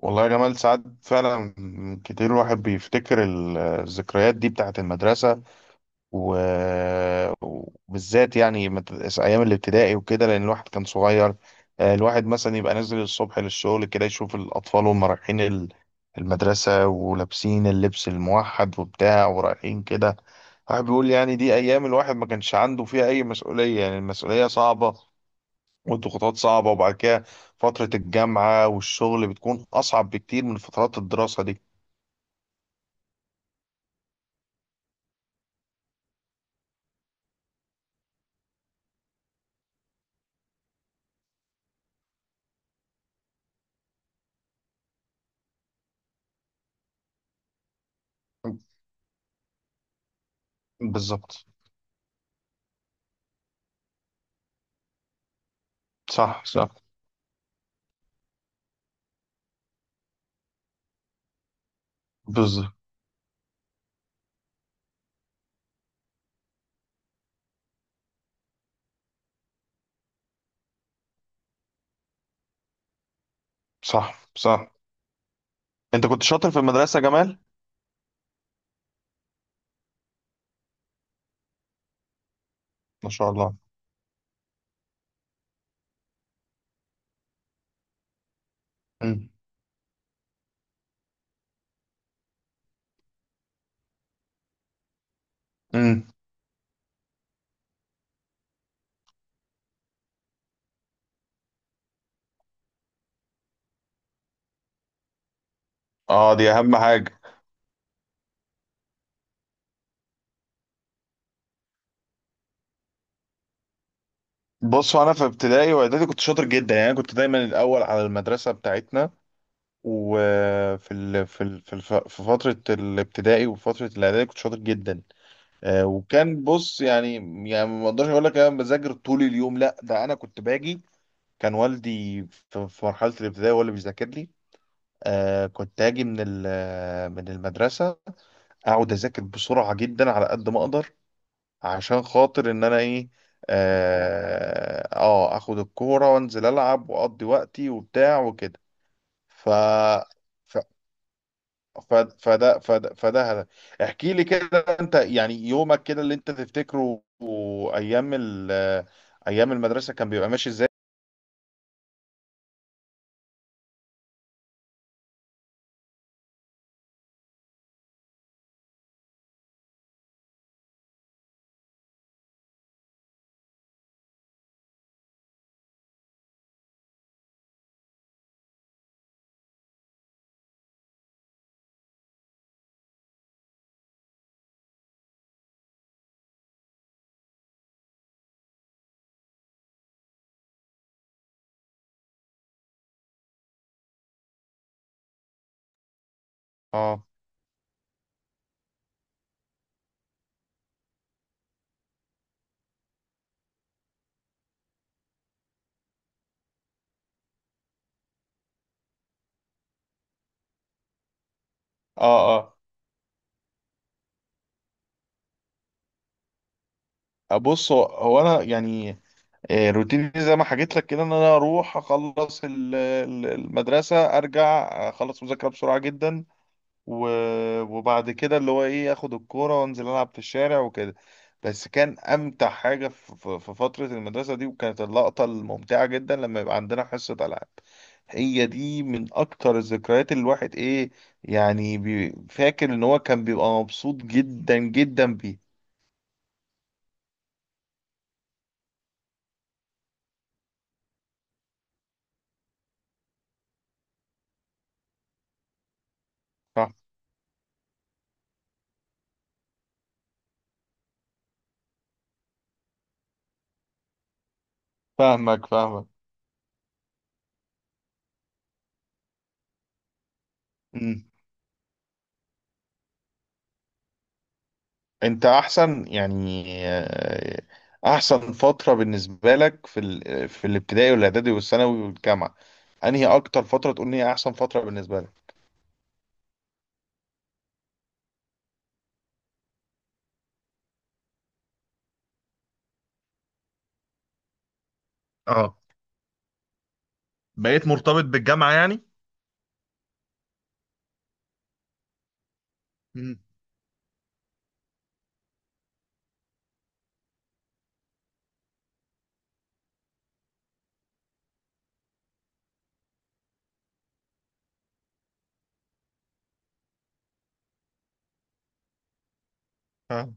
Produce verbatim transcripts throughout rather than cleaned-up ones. والله يا جمال ساعات فعلا كتير الواحد بيفتكر ال- الذكريات دي بتاعت المدرسة. و- وبالذات يعني مت- أيام الابتدائي وكده لأن الواحد كان صغير. آه، الواحد مثلا يبقى نازل الصبح للشغل كده يشوف الأطفال وهم رايحين ال- المدرسة ولابسين اللبس الموحد وبتاع ورايحين كده. الواحد بيقول يعني دي أيام الواحد ما كانش عنده فيها أي مسؤولية، يعني المسؤولية صعبة والضغوطات صعبة. وبعد كده فترة الجامعة والشغل بتكون أصعب بكتير من فترات الدراسة دي. بالظبط. صح صح. بالظبط. صح صح. أنت كنت شاطر في المدرسة يا جمال؟ ما شاء الله. امم. امم. اه دي أهم حاجة. بص أنا في ابتدائي وإعدادي كنت شاطر جدا، يعني أنا كنت دايما الأول على المدرسة بتاعتنا. وفي ال... في ال... في الف... في فترة الابتدائي وفترة الإعدادي كنت شاطر جدا. آه، وكان بص يعني، يعني ما اقدرش اقول لك انا بذاكر طول اليوم، لا ده انا كنت باجي. كان والدي في في مرحله الابتدائي هو اللي بيذاكر لي. آه كنت اجي من ال- آه، من المدرسه، اقعد اذاكر بسرعه جدا على قد ما اقدر عشان خاطر ان انا ايه. اه آه، اخد الكوره وانزل العب واقضي وقتي وبتاع وكده. ف ف- فده فده فده هذا. احكي لي كده، انت يعني يومك كده اللي انت تفتكره ايام ال- ايام المدرسه كان بيبقى ماشي ازاي. اه. اه. اه بص هو هو انا يعني آه، روتيني زي ما حكيت لك كده ان انا اروح اخلص ال- ال- المدرسه، ارجع اخلص مذاكره بسرعه جدا. و... وبعد كده اللي هو ايه اخد الكورة وانزل العب في الشارع وكده. بس كان امتع حاجة في في- في فترة المدرسة دي، وكانت اللقطة الممتعة جدا لما يبقى عندنا حصة العاب. هي دي من اكتر الذكريات اللي الواحد ايه، يعني بي... فاكر ان هو كان بيبقى مبسوط جدا جدا بيه. فاهمك فاهمك. انت احسن يعني آه، احسن فترة بالنسبة لك في ال... في الابتدائي والاعدادي والثانوي والجامعة، انهي اكتر فترة تقول ان هي احسن فترة بالنسبة لك؟ اه. بقيت مرتبط بالجامعة يعني. مم. اه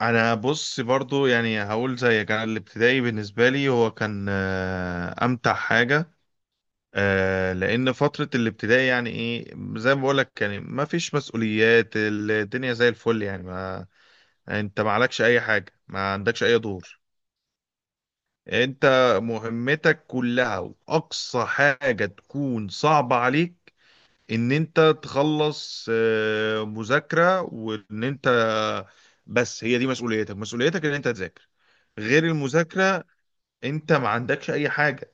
انا بص برضو يعني هقول زي كان الابتدائي بالنسبه لي هو كان آه، امتع حاجه. آه، لان فتره الابتدائي يعني ايه زي ما بقول لك يعني ما فيش مسؤوليات، الدنيا زي الفل، يعني ما انت ما عليكش اي حاجه، ما عندكش اي دور. انت مهمتك كلها واقصى حاجة تكون صعبة عليك ان انت تخلص آه، مذاكرة وان انت، بس هي دي مسؤوليتك، مسؤوليتك ان انت تذاكر. غير المذاكرة انت ما عندكش اي حاجة.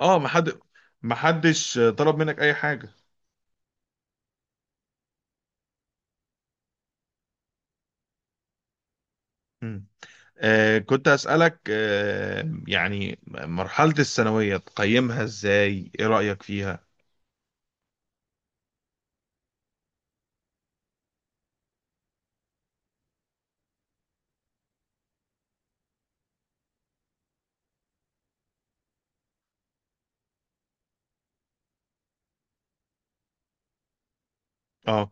اه ما حد، ما حدش طلب منك اي حاجة. مم. آه كنت اسألك آه يعني مرحلة الثانوية تقيمها ازاي، ايه رأيك فيها؟ اه.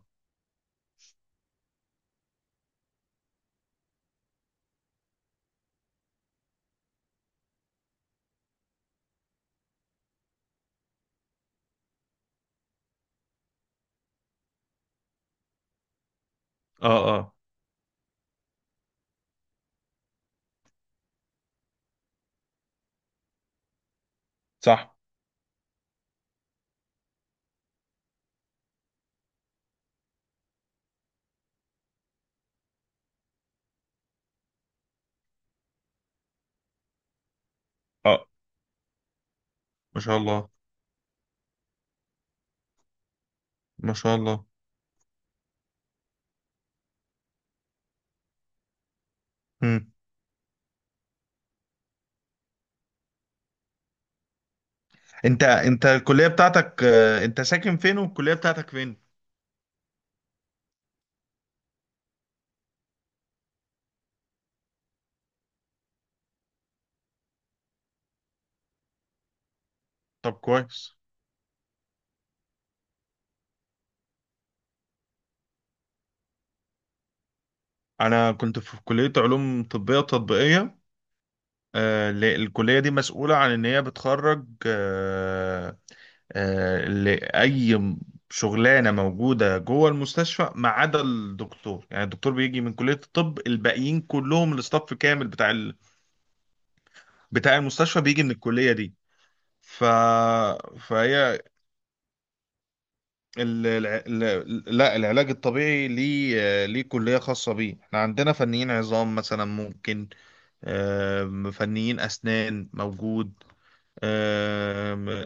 اه. اه. صح. اه. ما شاء الله. ما شاء الله. مم. انت انت الكلية بتاعتك آه، انت ساكن فين والكلية بتاعتك فين؟ طب كويس. انا كنت في كلية علوم طبية تطبيقية. آه، ل- الكلية دي مسؤولة عن ان هي بتخرج آه، آه، لأي م- شغلانة موجودة جوه المستشفى ما عدا الدكتور، يعني الدكتور بيجي من كلية الطب، الباقيين كلهم الاستاف كامل بتاع ال- بتاع المستشفى بيجي من الكلية دي. ف... فهي ال- الع... ال- لا، العلاج الطبيعي ليه ليه كلية خاصة بيه، احنا عندنا فنيين عظام مثلا ممكن، آم، فنيين أسنان موجود. آم،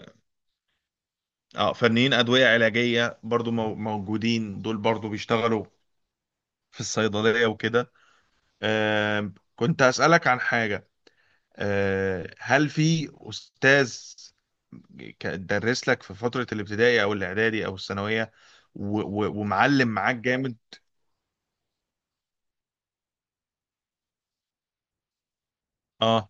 اه فنيين أدوية علاجية برضو مو- موجودين، دول برضو بيشتغلوا في الصيدلية وكده. آم، كنت أسألك عن حاجة. آه، هل في أستاذ ك- درس لك في فترة الابتدائي أو الإعدادي أو الثانوية و... و... ومعلم معاك جامد؟ اه.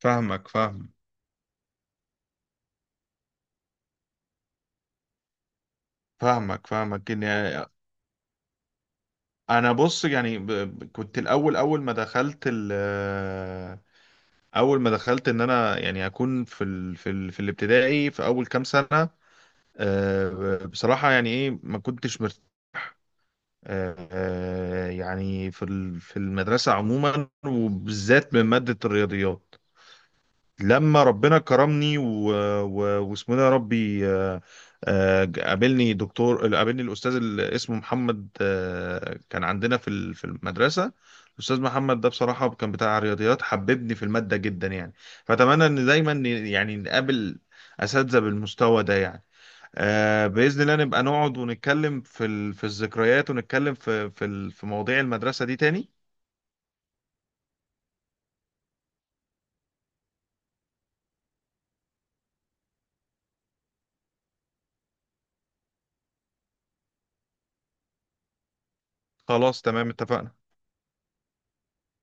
فاهمك فاهم. فاهمك فاهمك يعني. انا بص يعني ب... ب- كنت الاول اول ما دخلت ال... اول ما دخلت ان انا يعني اكون في ال... في ال... في الابتدائي في اول كام سنة آه، بصراحة يعني ايه ما كنتش مرت... آه، آه، يعني في ال... في المدرسة عموما وبالذات من مادة الرياضيات. لما ربنا كرمني و... و... واسمه ده يا ربي آه، آه، قابلني دكتور قابلني الاستاذ اللي اسمه محمد، آه، كان عندنا في ال- في المدرسه. الاستاذ محمد ده بصراحه كان بتاع رياضيات حببني في الماده جدا يعني. فاتمنى ان دايما ن- يعني نقابل اساتذه بالمستوى ده يعني. آه، باذن الله نبقى نقعد ونتكلم في ال... في الذكريات ونتكلم في في ال... في مواضيع المدرسه دي تاني. خلاص تمام اتفقنا.